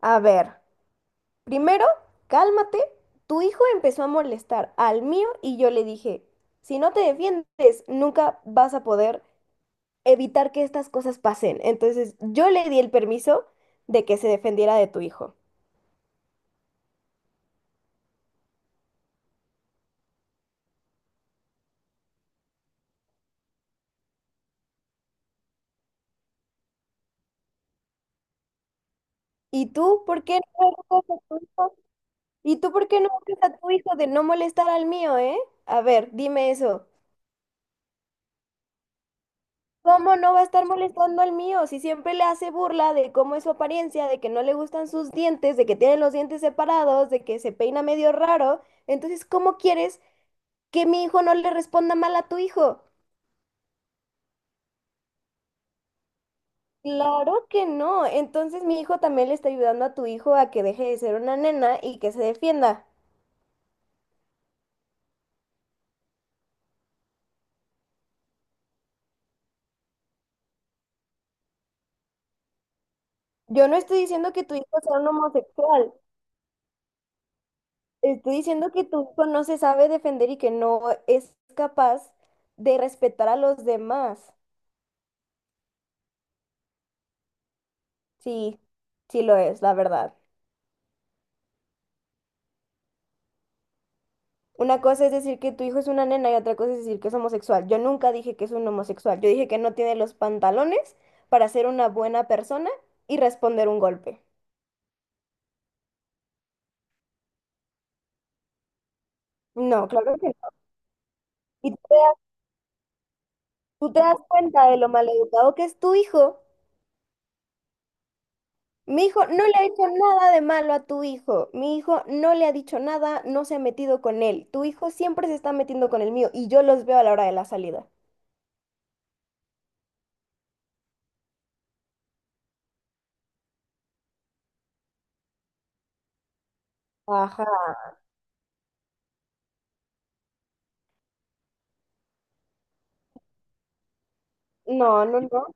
A ver, primero, cálmate. Tu hijo empezó a molestar al mío y yo le dije, si no te defiendes, nunca vas a poder evitar que estas cosas pasen. Entonces, yo le di el permiso de que se defendiera de tu hijo. ¿Y tú por qué no educas a tu hijo? ¿Y tú por qué no educas a tu hijo de no molestar al mío, eh? A ver, dime eso. ¿Cómo no va a estar molestando al mío? Si siempre le hace burla de cómo es su apariencia, de que no le gustan sus dientes, de que tiene los dientes separados, de que se peina medio raro. Entonces, ¿cómo quieres que mi hijo no le responda mal a tu hijo? Claro que no. Entonces, mi hijo también le está ayudando a tu hijo a que deje de ser una nena y que se defienda. Yo no estoy diciendo que tu hijo sea un homosexual. Estoy diciendo que tu hijo no se sabe defender y que no es capaz de respetar a los demás. Sí, sí lo es, la verdad. Una cosa es decir que tu hijo es una nena y otra cosa es decir que es homosexual. Yo nunca dije que es un homosexual. Yo dije que no tiene los pantalones para ser una buena persona y responder un golpe. No, claro que no. Y tú te das cuenta de lo maleducado que es tu hijo. Mi hijo no le ha hecho nada de malo a tu hijo. Mi hijo no le ha dicho nada, no se ha metido con él. Tu hijo siempre se está metiendo con el mío y yo los veo a la hora de la salida. Ajá. No, no, no.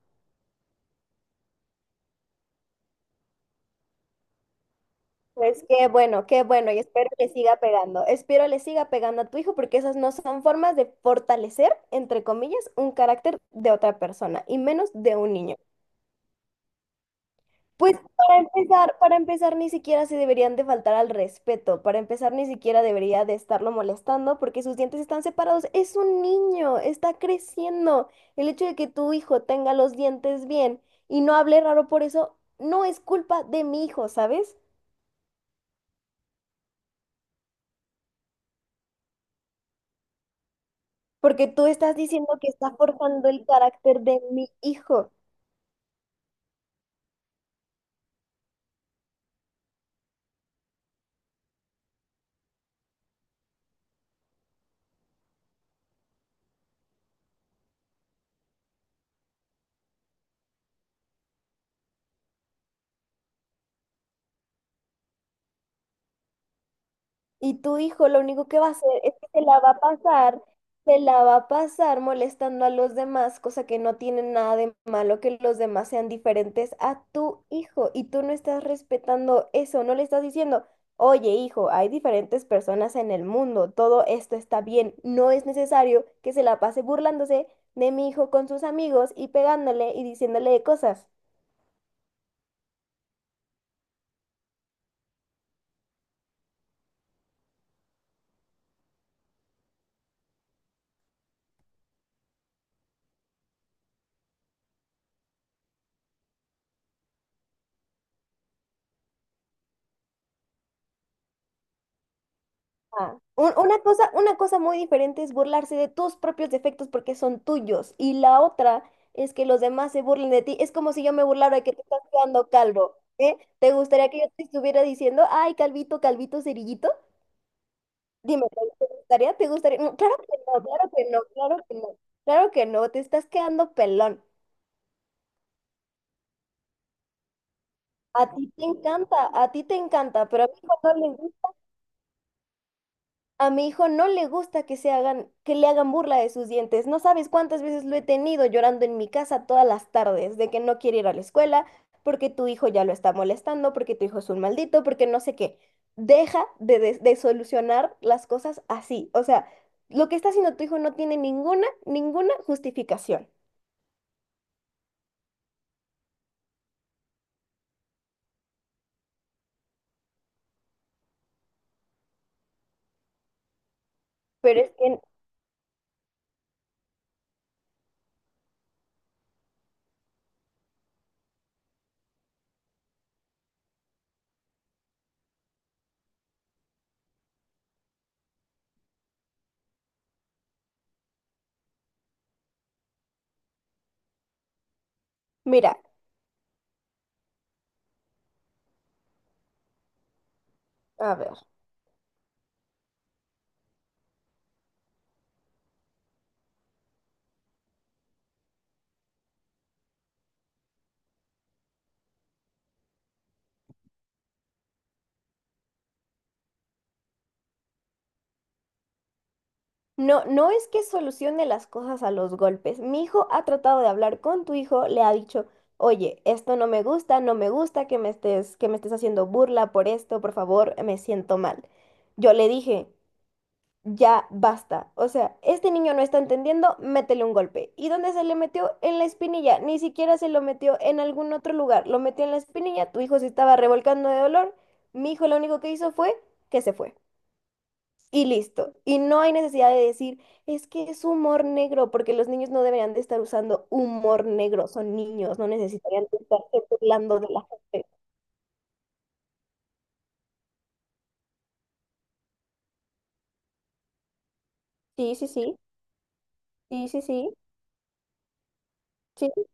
Pues qué bueno, y espero le siga pegando. Espero le siga pegando a tu hijo porque esas no son formas de fortalecer, entre comillas, un carácter de otra persona, y menos de un niño. Pues para empezar ni siquiera se deberían de faltar al respeto, para empezar ni siquiera debería de estarlo molestando porque sus dientes están separados. Es un niño, está creciendo. El hecho de que tu hijo tenga los dientes bien y no hable raro por eso, no es culpa de mi hijo, ¿sabes? Porque tú estás diciendo que estás forjando el carácter de mi hijo y tu hijo lo único que va a hacer es que se la va a pasar, se la va a pasar molestando a los demás, cosa que no tiene nada de malo que los demás sean diferentes a tu hijo y tú no estás respetando eso, no le estás diciendo, oye hijo, hay diferentes personas en el mundo, todo esto está bien, no es necesario que se la pase burlándose de mi hijo con sus amigos y pegándole y diciéndole cosas. Ah, una cosa muy diferente es burlarse de tus propios defectos porque son tuyos. Y la otra es que los demás se burlen de ti. Es como si yo me burlara de que te estás quedando calvo. ¿Eh? ¿Te gustaría que yo te estuviera diciendo, ay, calvito, calvito, cerillito? Dime, ¿te gustaría? ¿Te gustaría? No, claro que no, claro que no, claro que no. Claro que no, te estás quedando pelón. A ti te encanta, a ti te encanta, pero a mí no le gusta. A mi hijo no le gusta que que le hagan burla de sus dientes. No sabes cuántas veces lo he tenido llorando en mi casa todas las tardes, de que no quiere ir a la escuela, porque tu hijo ya lo está molestando, porque tu hijo es un maldito, porque no sé qué. Deja de solucionar las cosas así. O sea, lo que está haciendo tu hijo no tiene ninguna, ninguna justificación. Pero es que, mira, a ver. No, no es que solucione las cosas a los golpes. Mi hijo ha tratado de hablar con tu hijo, le ha dicho, oye, esto no me gusta, no me gusta que me estés haciendo burla por esto, por favor, me siento mal. Yo le dije, ya basta. O sea, este niño no está entendiendo, métele un golpe. ¿Y dónde se le metió? En la espinilla. Ni siquiera se lo metió en algún otro lugar. Lo metió en la espinilla, tu hijo se estaba revolcando de dolor. Mi hijo lo único que hizo fue que se fue. Y listo. Y no hay necesidad de decir, es que es humor negro, porque los niños no deberían de estar usando humor negro, son niños, no necesitarían de estarse burlando de la gente. Sí, sí, sí, sí, sí, sí, sí.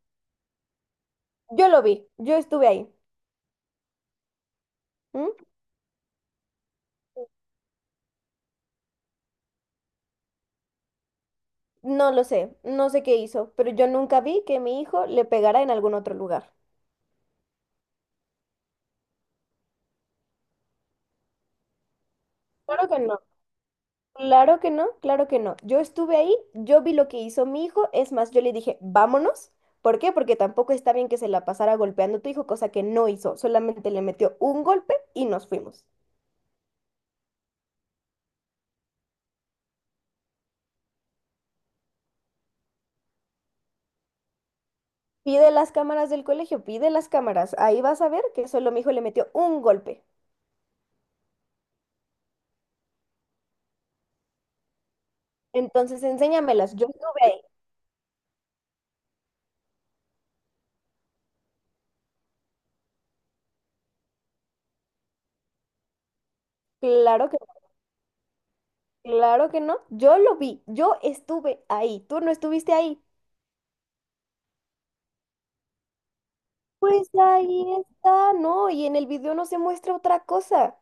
Yo lo vi, yo estuve ahí. ¿M? No lo sé, no sé qué hizo, pero yo nunca vi que mi hijo le pegara en algún otro lugar. Claro que no. Claro que no, claro que no. Yo estuve ahí, yo vi lo que hizo mi hijo, es más, yo le dije, vámonos. ¿Por qué? Porque tampoco está bien que se la pasara golpeando a tu hijo, cosa que no hizo, solamente le metió un golpe y nos fuimos. Pide las cámaras del colegio, pide las cámaras, ahí vas a ver que solo mi hijo le metió un golpe. Entonces, enséñamelas, yo estuve ahí. Claro que no, claro que no, yo lo vi, yo estuve ahí, tú no estuviste ahí. Pues ahí está, no, y en el video no se muestra otra cosa.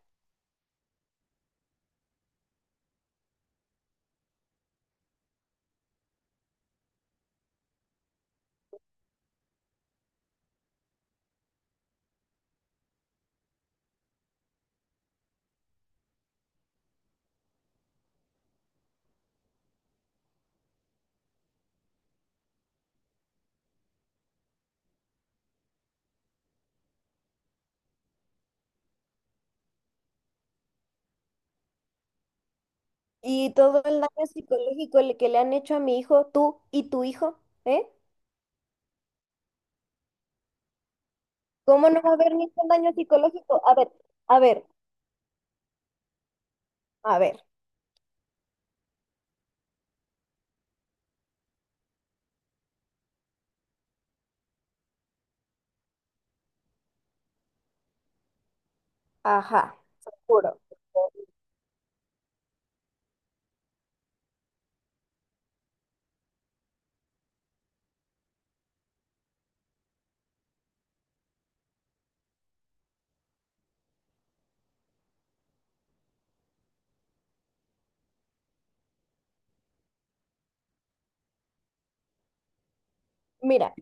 Y todo el daño psicológico que le han hecho a mi hijo, tú y tu hijo, ¿eh? ¿Cómo no va a haber ningún daño psicológico? A ver, a ver, a ver, ajá, seguro. Mira,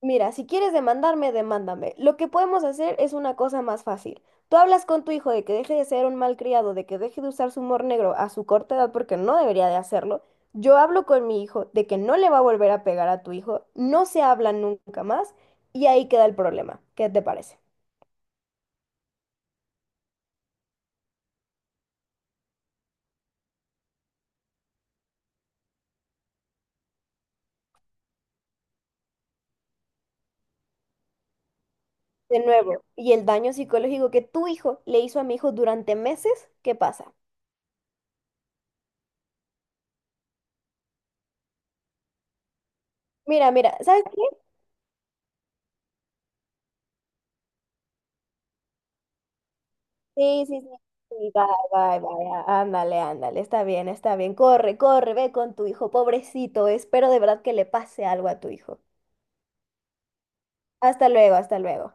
mira, si quieres demandarme, demándame. Lo que podemos hacer es una cosa más fácil. Tú hablas con tu hijo de que deje de ser un malcriado, de que deje de usar su humor negro a su corta edad porque no debería de hacerlo. Yo hablo con mi hijo de que no le va a volver a pegar a tu hijo, no se hablan nunca más y ahí queda el problema. ¿Qué te parece? De nuevo, y el daño psicológico que tu hijo le hizo a mi hijo durante meses, ¿qué pasa? Mira, mira, ¿sabes qué? Sí, sí, sí, sí, bye, bye, bye. Ándale, ándale. Está bien, está bien. Corre, corre, ve con tu hijo. Pobrecito, espero de verdad que le pase algo a tu hijo. Hasta luego, hasta luego.